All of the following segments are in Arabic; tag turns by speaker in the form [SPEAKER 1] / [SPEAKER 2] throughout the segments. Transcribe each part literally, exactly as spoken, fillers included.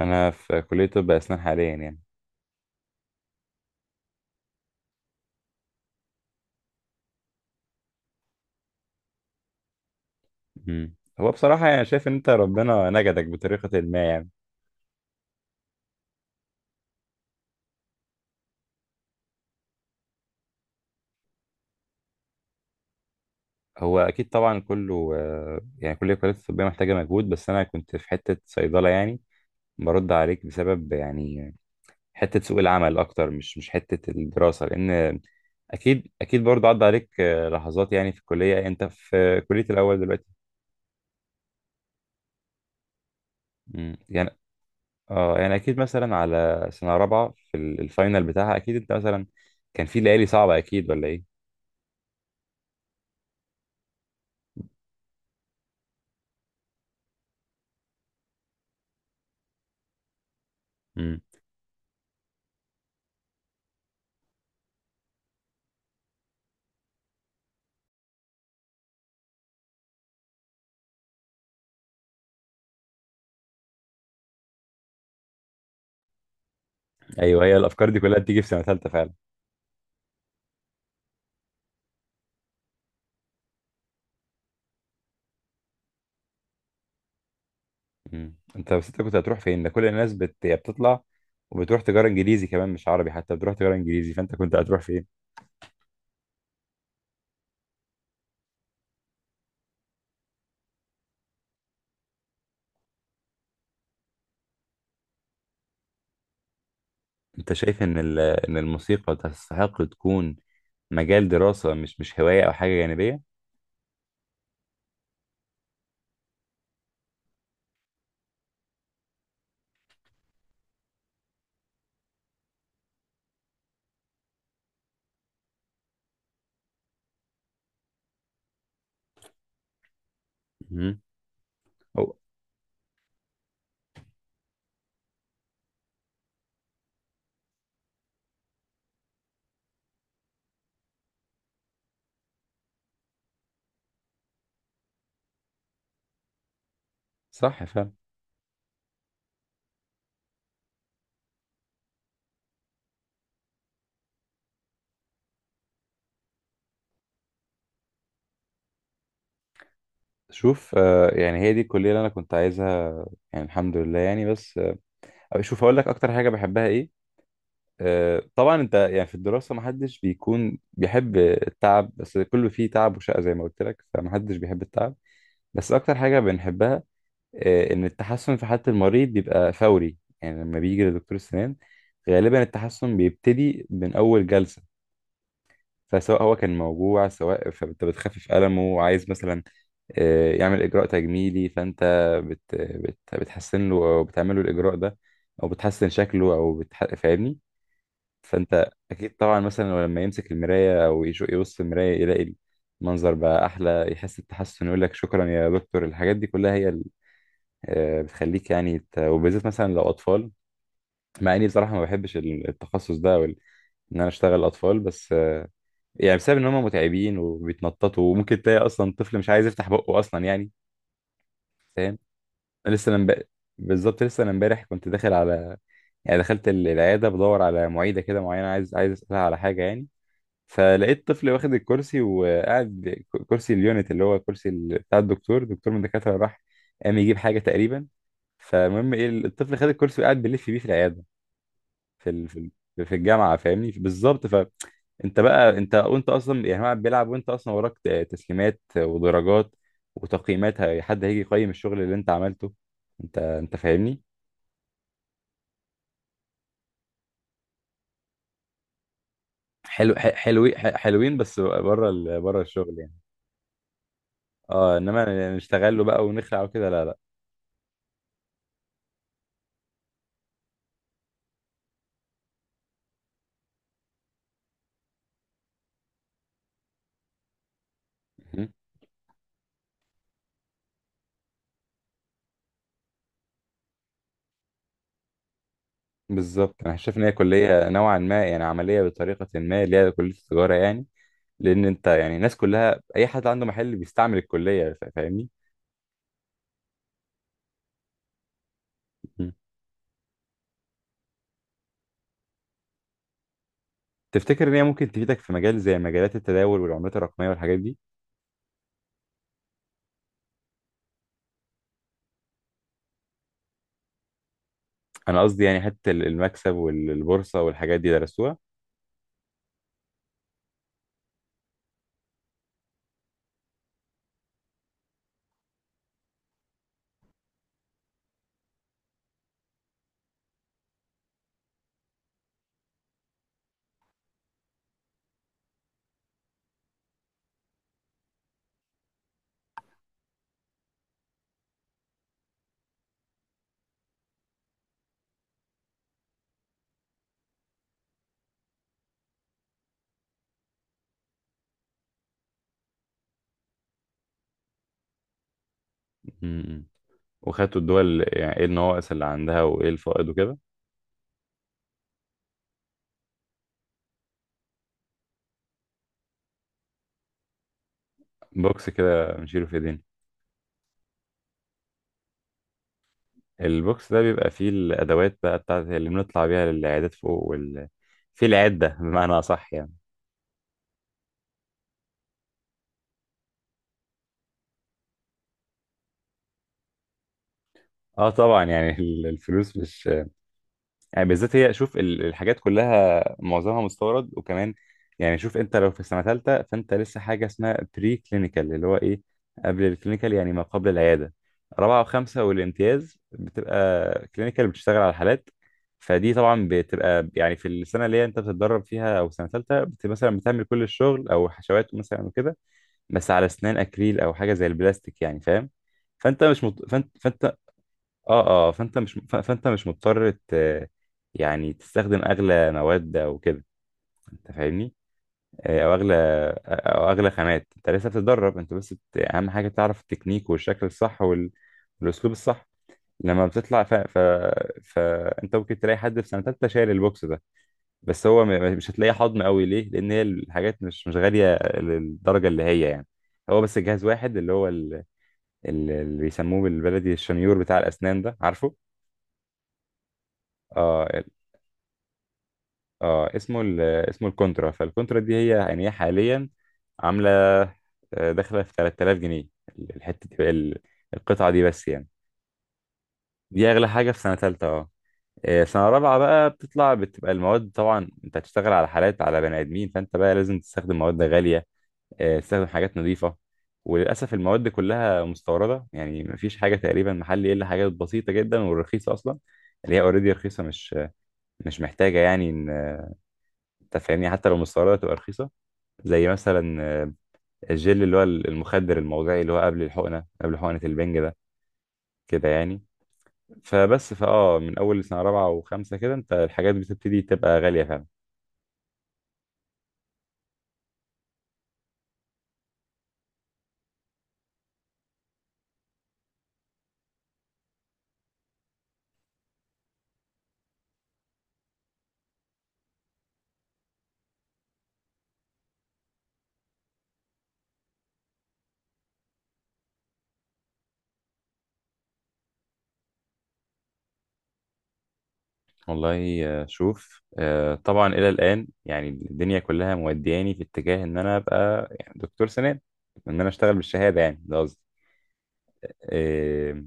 [SPEAKER 1] انا في كلية طب اسنان حاليا يعني. مم. هو بصراحة يعني شايف ان انت ربنا نجدك بطريقة ما يعني. هو اكيد طبعا كله آه، يعني كل الكليات الطبية محتاجة مجهود، بس انا كنت في حتة صيدلة يعني برد عليك بسبب يعني حتة سوق العمل اكتر، مش مش حتة الدراسة، لان اكيد اكيد برضه عدى عليك آه، لحظات يعني في الكلية. انت في كلية الاول دلوقتي؟ مم. يعني اه يعني اكيد مثلا على سنة رابعة في ال- الفاينل بتاعها، اكيد انت مثلا كان في ليالي صعبة، اكيد ولا ايه؟ ايوه، هي الافكار دي كلها بتيجي في سنه ثالثه فعلا. مم. انت بس انت كنت هتروح فين؟ ده كل الناس بت... هي بتطلع وبتروح تجاره انجليزي كمان، مش عربي، حتى بتروح تجاره انجليزي، فانت كنت هتروح فين؟ انت شايف ان ال... ان الموسيقى تستحق تكون مجال دراسه، مش مش هوايه او حاجه جانبيه؟ مم. أو... صح فعلا. شوف آه يعني هي دي الكليه اللي انا كنت عايزها يعني، الحمد لله يعني. بس آه شوف اقول لك اكتر حاجه بحبها ايه. آه، طبعا انت يعني في الدراسة محدش بيكون بيحب التعب، بس كله فيه تعب وشقة زي ما قلت لك، فمحدش بيحب التعب، بس اكتر حاجة بنحبها آه، ان التحسن في حالة المريض بيبقى فوري. يعني لما بيجي لدكتور السنان غالبا التحسن بيبتدي من اول جلسة، فسواء هو كان موجوع، سواء، فانت بتخفف ألمه، وعايز مثلا آه، يعمل إجراء تجميلي، فانت بت بت بتحسن له او بتعمل له الإجراء ده، او بتحسن شكله او بتح... فاهمني. فانت اكيد طبعا مثلا لما يمسك المرايه او يشو- يبص في المرايه، يلاقي المنظر بقى احلى، يحس بتحسن، يقول لك شكرا يا دكتور. الحاجات دي كلها هي ال- آه، بتخليك يعني ت- وبالذات مثلا لو اطفال، مع اني بصراحه ما بحبش ال- التخصص ده او ال- ان انا اشتغل اطفال، بس آه، يعني بسبب ان هم متعبين وبيتنططوا، وممكن تلاقي اصلا طفل مش عايز يفتح بقه اصلا يعني. فاهم. لسه انا امب- بالظبط لسه انا امبارح كنت داخل على، يعني دخلت ال- العياده بدور على معيده كده معينه، عايز عايز اسالها على حاجه يعني، فلقيت طفل واخد الكرسي وقاعد ب- كرسي اليونت، اللي هو كرسي ال- بتاع الدكتور. دكتور من الدكاترة راح قام يجيب حاجة تقريبا، فالمهم ايه، الطفل خد الكرسي وقاعد بيلف بيه في العيادة، في ال... في ال- في الجامعة. فاهمني بالظبط. فانت بقى، انت وانت اصلا يعني هو بيلعب، وانت اصلا وراك ت- تسليمات ودرجات وتقييمات، ه- حد هيجي يقيم الشغل اللي انت عملته. انت انت فاهمني. حلو ح- حلوين، ح- حلوين، بس بره ال... بره الشغل يعني. اه، انما نشتغل له بقى ونخلع وكده لا. لا، بالظبط، انا شايف ان هي كليه نوعا ما يعني عمليه بطريقه ما، اللي هي كليه التجاره يعني، لان انت يعني الناس كلها اي حد عنده محل بيستعمل الكليه، فا- فاهمني. مم. تفتكر ان هي ممكن تفيدك في مجال زي مجالات التداول والعملات الرقميه والحاجات دي؟ انا قصدي يعني حتى ال- المكسب والبورصه والحاجات دي درسوها؟ مم. وخدتوا الدول يعني ايه النواقص اللي عندها وايه الفائض وكده؟ بوكس كده بنشيله في ايدينا. البوكس ده بيبقى فيه الادوات بقى بتاعت اللي بنطلع بيها للعيادات فوق، وال، في العدة بمعنى أصح يعني. اه طبعا يعني ال- الفلوس مش يعني، بالذات هي شوف ال- الحاجات كلها معظمها مستورد، وكمان يعني شوف، انت لو في سنه ثالثه، فانت لسه حاجه اسمها بري كلينيكال، اللي هو ايه، قبل الكلينيكال، يعني ما قبل العياده. رابعه وخمسه والامتياز بتبقى كلينيكال، بتشتغل على الحالات، فدي طبعا بتبقى يعني في السنه اللي هي انت بتتدرب فيها، او سنه ثالثه بت مثلا بتعمل كل الشغل او حشوات مثلا وكده، بس على اسنان اكريل او حاجه زي البلاستيك يعني. فاهم، فانت مش مط... فانت فانت اه اه، فانت مش ف- فانت مش مضطر ت- يعني تستخدم اغلى مواد او كده، انت فاهمني. آه، او اغلى، او اغلى خامات، انت لسه بتتدرب، انت بس بت... اهم حاجه تعرف التكنيك والشكل الصح وال... والاسلوب الصح. لما بتطلع ف... ف... فانت ممكن تلاقي حد في سنه تالته شايل البوكس ده، بس هو م... مش هتلاقيه حضن قوي ليه، لان هي الحاجات مش مش غاليه للدرجه اللي هي يعني. هو بس جهاز واحد، اللي هو ال- ال- اللي بيسموه بالبلدي الشنيور بتاع الاسنان ده. عارفه؟ اه. اه، اسمه ال اسمه الكونترا، فالكونترا دي هي يعني هي حاليا عامله آه، داخله في تلت تلاف جنيه. الحته دي بقى ال- القطعه دي بس يعني. دي اغلى حاجه في سنه ثالثه، اه. آه، سنه رابعه بقى بتطلع بتبقى المواد، طبعا انت هتشتغل على حالات على بني ادمين، فانت بقى لازم تستخدم مواد غاليه، آه، تستخدم حاجات نظيفه، وللاسف المواد دي كلها مستورده، يعني مفيش حاجه تقريبا محلي، الا حاجات بسيطه جدا والرخيصه اصلا، اللي هي اوريدي رخيصه مش مش محتاجه يعني ان، انت فاهمني، حتى لو مستورده تبقى رخيصه، زي مثلا آه، الجل اللي هو المخدر الموضعي اللي هو قبل الحقنه، قبل حقنه البنج ده كده يعني. فبس فاه من اول سنه رابعه وخمسه كده انت الحاجات بتبتدي تبقى غاليه فعلا. والله آه، شوف، آه، طبعا الى الان يعني الدنيا كلها مودياني في اتجاه ان انا ابقى يعني دكتور سنان، ان انا اشتغل بالشهاده يعني، ده قصدي. آه،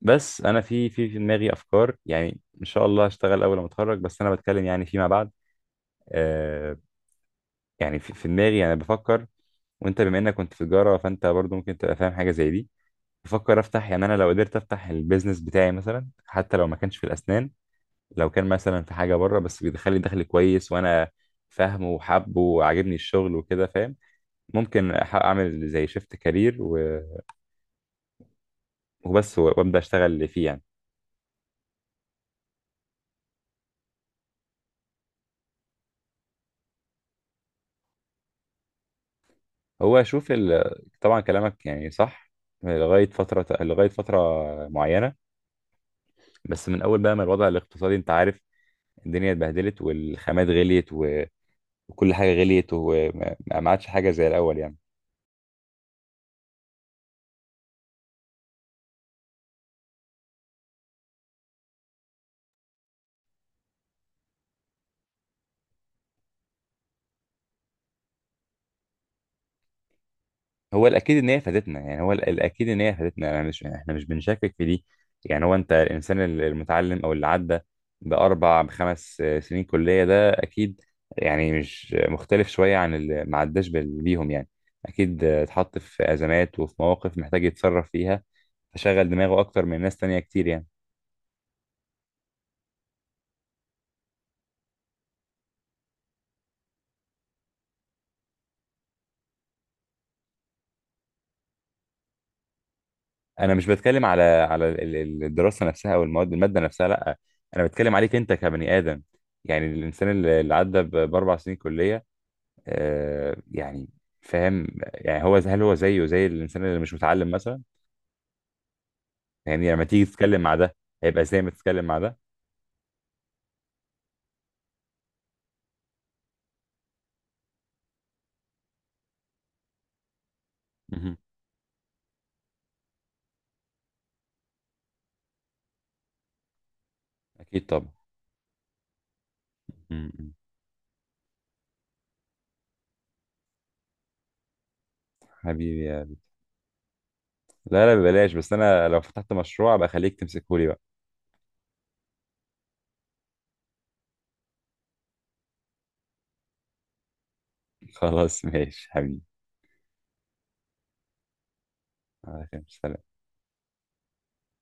[SPEAKER 1] بس انا في في في دماغي افكار، يعني ان شاء الله هشتغل اول ما اتخرج، بس انا بتكلم يعني فيما بعد. آه، يعني في في دماغي انا بفكر، وانت بما انك كنت في تجاره فانت برضو ممكن تبقى فاهم حاجه زي دي. بفكر افتح يعني، انا لو قدرت افتح البيزنس بتاعي مثلا، حتى لو ما كانش في الاسنان، لو كان مثلا في حاجه بره بس بيدخل لي دخل كويس، وانا فاهمه وحابه وعاجبني الشغل وكده، فاهم، ممكن أح- اعمل زي شيفت كارير، و... وبس و- وابدا اشتغل فيه يعني. هو اشوف ال... طبعا كلامك يعني صح لغايه فتره لغايه فتره معينه، بس من اول بقى ما الوضع الاقتصادي، انت عارف الدنيا اتبهدلت والخامات غليت وكل حاجه غليت، وما ما- ما عادش حاجه زي الاول يعني. هو الاكيد ان هي فادتنا يعني، هو ال- الاكيد ان هي فادتنا، انا مش يعني، احنا مش بنشكك في دي. يعني هو، انت الانسان ال- المتعلم، او اللي عدى باربع بخمس آه، سنين كليه، ده اكيد يعني مش مختلف شويه عن اللي ما عداش بال- بيهم يعني، اكيد آه، اتحط في ازمات وفي مواقف محتاج يتصرف فيها، فشغل دماغه اكتر من ناس تانية كتير يعني. انا مش بتكلم على على ال- ال- الدراسه نفسها او المواد الماده نفسها، لا، انا بتكلم عليك انت كبني ادم، يعني الانسان اللي اللي عدى ب- باربع سنين كليه آه يعني، فاهم. يعني هو، هل هو زيه زي الانسان اللي مش متعلم مثلا؟ يعني لما تيجي تتكلم مع ده، هيبقى زي ما تتكلم مع ده؟ مهم. اكيد طبعا. مهم. حبيبي يا بي. لا لا، ببلاش، بس انا لو فتحت مشروع ابقى خليك تمسكه لي بقى. خلاص ماشي حبيبي. على خير. سلام.